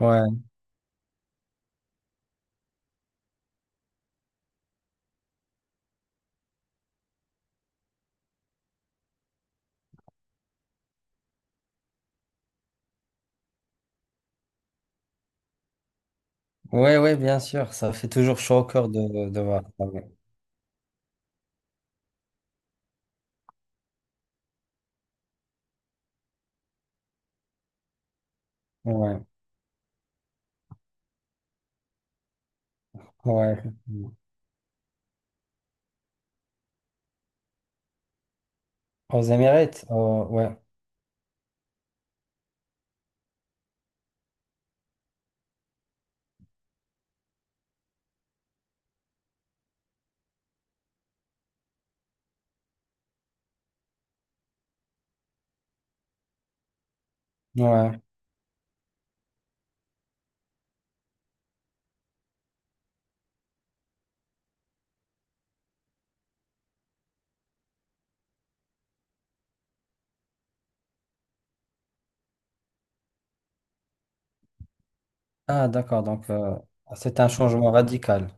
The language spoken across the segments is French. Ouais, ouais, bien sûr, ça fait toujours chaud au cœur de voir ça, Ouais, ouais, ouais, Aux Émirats, ouais, ouais. Ah, d'accord, donc c'est un changement radical.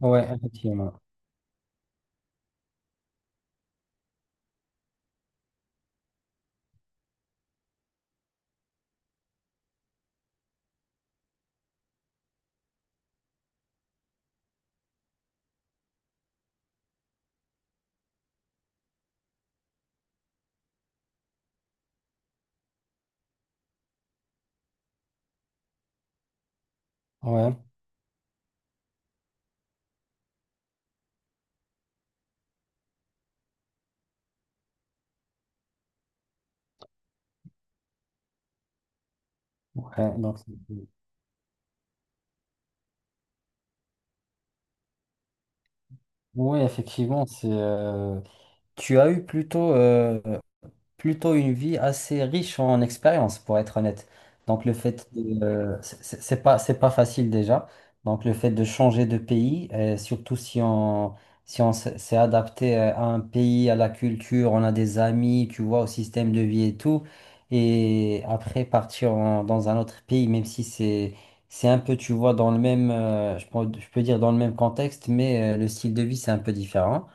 Ouais, effectivement. Ouais, ouais, donc, effectivement, c'est. Tu as eu plutôt plutôt une vie assez riche en expérience, pour être honnête. Donc le fait de, c'est pas facile déjà. Donc le fait de changer de pays, surtout si on, si on s'est adapté à un pays, à la culture, on a des amis, tu vois, au système de vie et tout. Et après partir dans un autre pays, même si c'est, c'est un peu, tu vois, dans le même, je peux dire dans le même contexte, mais le style de vie, c'est un peu différent.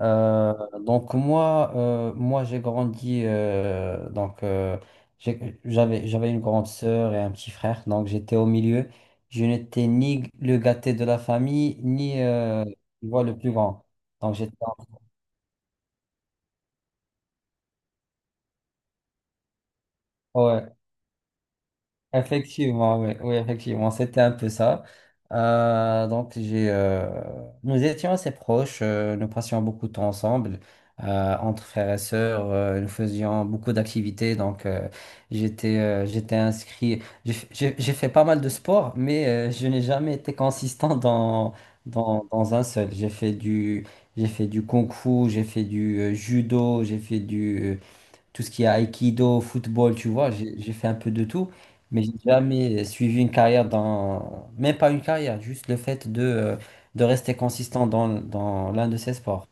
Euh, donc moi, moi j'ai grandi, donc j'avais une grande sœur et un petit frère, donc j'étais au milieu. Je n'étais ni le gâté de la famille, ni tu vois, le plus grand. Donc j'étais, Effectivement, oui, oui, effectivement, c'était un peu ça. Donc, nous étions assez proches, nous passions beaucoup de temps ensemble, entre frères et sœurs, nous faisions beaucoup d'activités. Donc, j'étais inscrit, j'ai fait pas mal de sport, mais je n'ai jamais été consistant dans un seul. J'ai fait du kung-fu, j'ai fait du judo, j'ai fait du tout ce qui est aïkido, football, tu vois, j'ai fait un peu de tout, mais j'ai jamais suivi une carrière dans, même pas une carrière, juste le fait de de rester consistant dans, dans l'un de ces sports.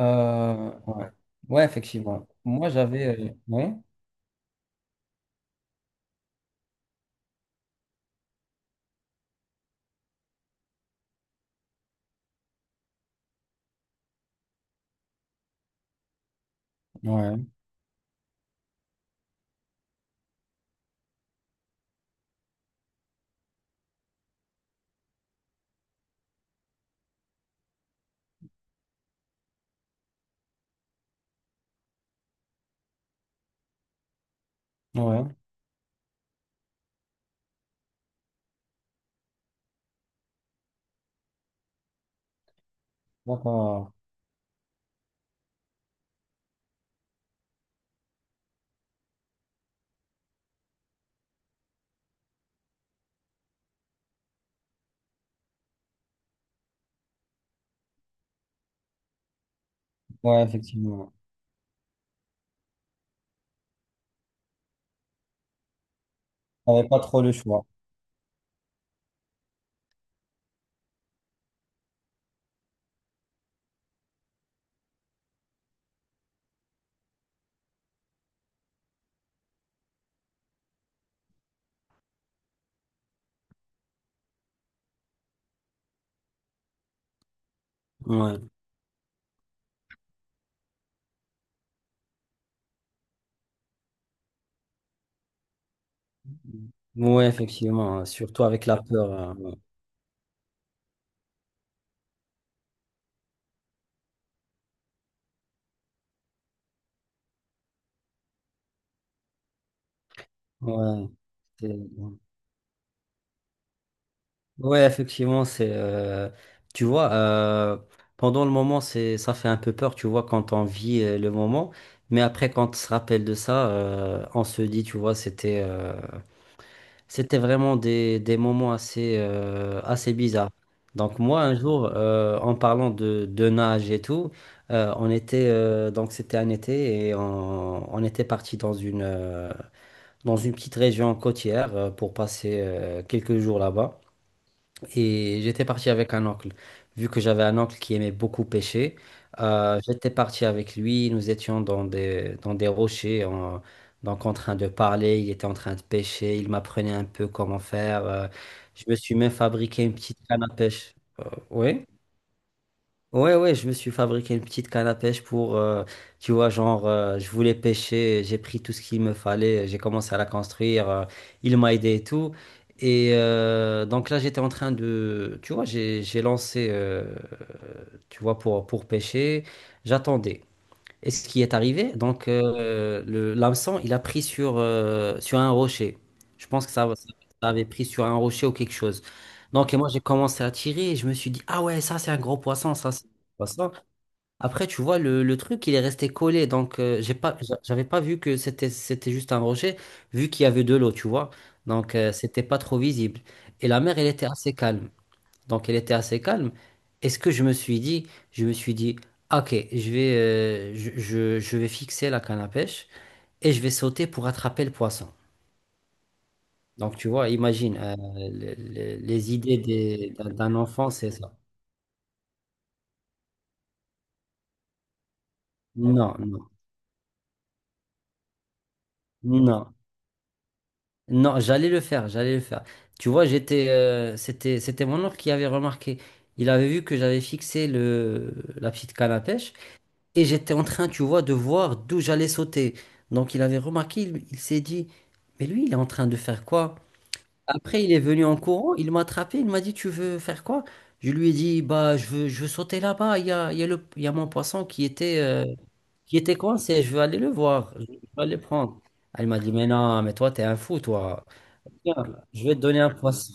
Ouais. Ouais, effectivement. Moi, j'avais. Ouais, ouais, ouais. D'accord. Ouais, effectivement. J'avais pas trop le choix. Ouais. Ouais, effectivement. Surtout avec la peur, hein. Ouais. Ouais. Ouais, effectivement, c'est tu vois, pendant le moment c'est ça fait un peu peur, tu vois quand on vit le moment, mais après quand on se rappelle de ça, on se dit tu vois c'était vraiment des moments assez assez bizarres. Donc moi un jour en parlant de nage et tout, on était donc c'était un été et on était parti dans une petite région côtière pour passer quelques jours là-bas. Et j'étais parti avec un oncle. Vu que j'avais un oncle qui aimait beaucoup pêcher, j'étais parti avec lui. Nous étions dans des rochers, donc en train de parler. Il était en train de pêcher. Il m'apprenait un peu comment faire. Je me suis même fabriqué une petite canne à pêche. Oui. Ouais, je me suis fabriqué une petite canne à pêche pour, tu vois, genre, je voulais pêcher, j'ai pris tout ce qu'il me fallait, j'ai commencé à la construire, il m'a aidé et tout. Et donc là, j'étais en train de, tu vois, j'ai lancé, tu vois, pour pêcher, j'attendais. Et ce qui est arrivé, donc le l'hameçon, il a pris sur, sur un rocher. Je pense que ça avait pris sur un rocher ou quelque chose. Donc et moi, j'ai commencé à tirer et je me suis dit, ah ouais, ça c'est un gros poisson, ça c'est un gros poisson. Après, tu vois, le truc, il est resté collé. Donc j'avais pas vu que c'était, c'était juste un rocher, vu qu'il y avait de l'eau, tu vois. Donc c'était pas trop visible. Et la mer, elle était assez calme, donc elle était assez calme. Est-ce que Je me suis dit, je me suis dit, ok, je vais fixer la canne à pêche et je vais sauter pour attraper le poisson. Donc tu vois, imagine, euh, les idées d'un d'un enfant, c'est ça. Non, non, non, non, j'allais le faire, j'allais le faire. Tu vois, c'était mon oncle qui avait remarqué. Il avait vu que j'avais fixé la petite canne à pêche. Et j'étais en train, tu vois, de voir d'où j'allais sauter. Donc il avait remarqué, il s'est dit, mais lui, il est en train de faire quoi? Après, il est venu en courant, il m'a attrapé, il m'a dit, tu veux faire quoi? Je lui ai dit, bah, je veux sauter là-bas, il y a il y a mon poisson qui était coincé, je veux aller le voir, je veux aller le prendre. Elle m'a dit, mais non, mais toi, t'es un fou, toi. Tiens, je vais te donner un poisson.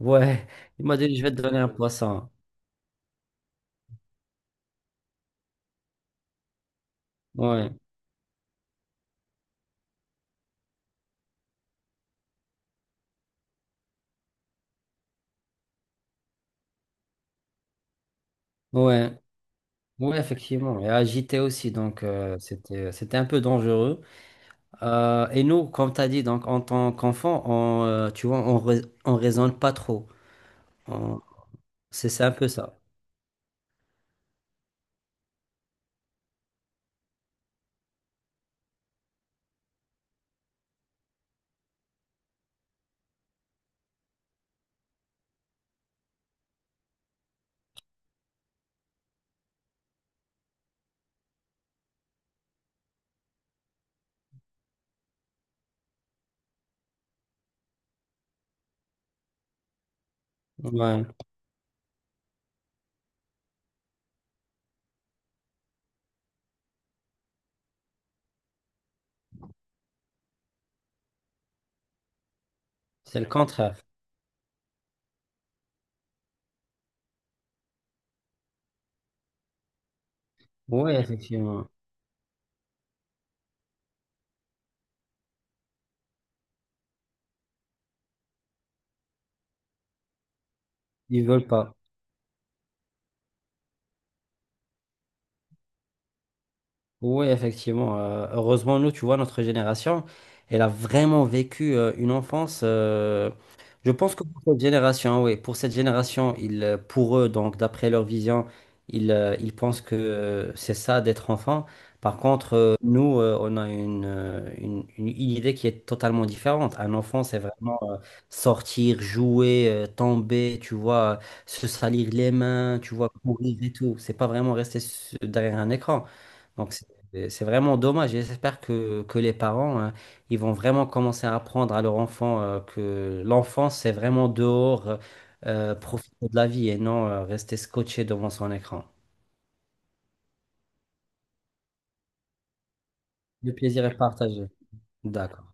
Ouais, il m'a dit, je vais te donner un poisson. Ouais, ouais. Oui, effectivement, et agité aussi, donc c'était un peu dangereux. Et nous, comme tu as dit, donc en tant qu'enfant, on, tu vois, on raisonne pas trop. On- C'est un peu ça. Ouais, c'est le contraire. Oui, effectivement, ils veulent pas. Oui, effectivement. Heureusement, nous, tu vois, notre génération, elle a vraiment vécu une enfance. Je pense que pour cette génération, oui, pour cette génération, pour eux, donc d'après leur vision, ils pensent que c'est ça d'être enfant. Par contre, nous, on a une idée qui est totalement différente. Un enfant, c'est vraiment sortir, jouer, tomber, tu vois, se salir les mains, tu vois, courir et tout. C'est pas vraiment rester derrière un écran. Donc, et c'est vraiment dommage, et j'espère que les parents, hein, ils vont vraiment commencer à apprendre à leur enfant que l'enfance, c'est vraiment dehors, profiter de la vie et non rester scotché devant son écran. Le plaisir est partagé. D'accord.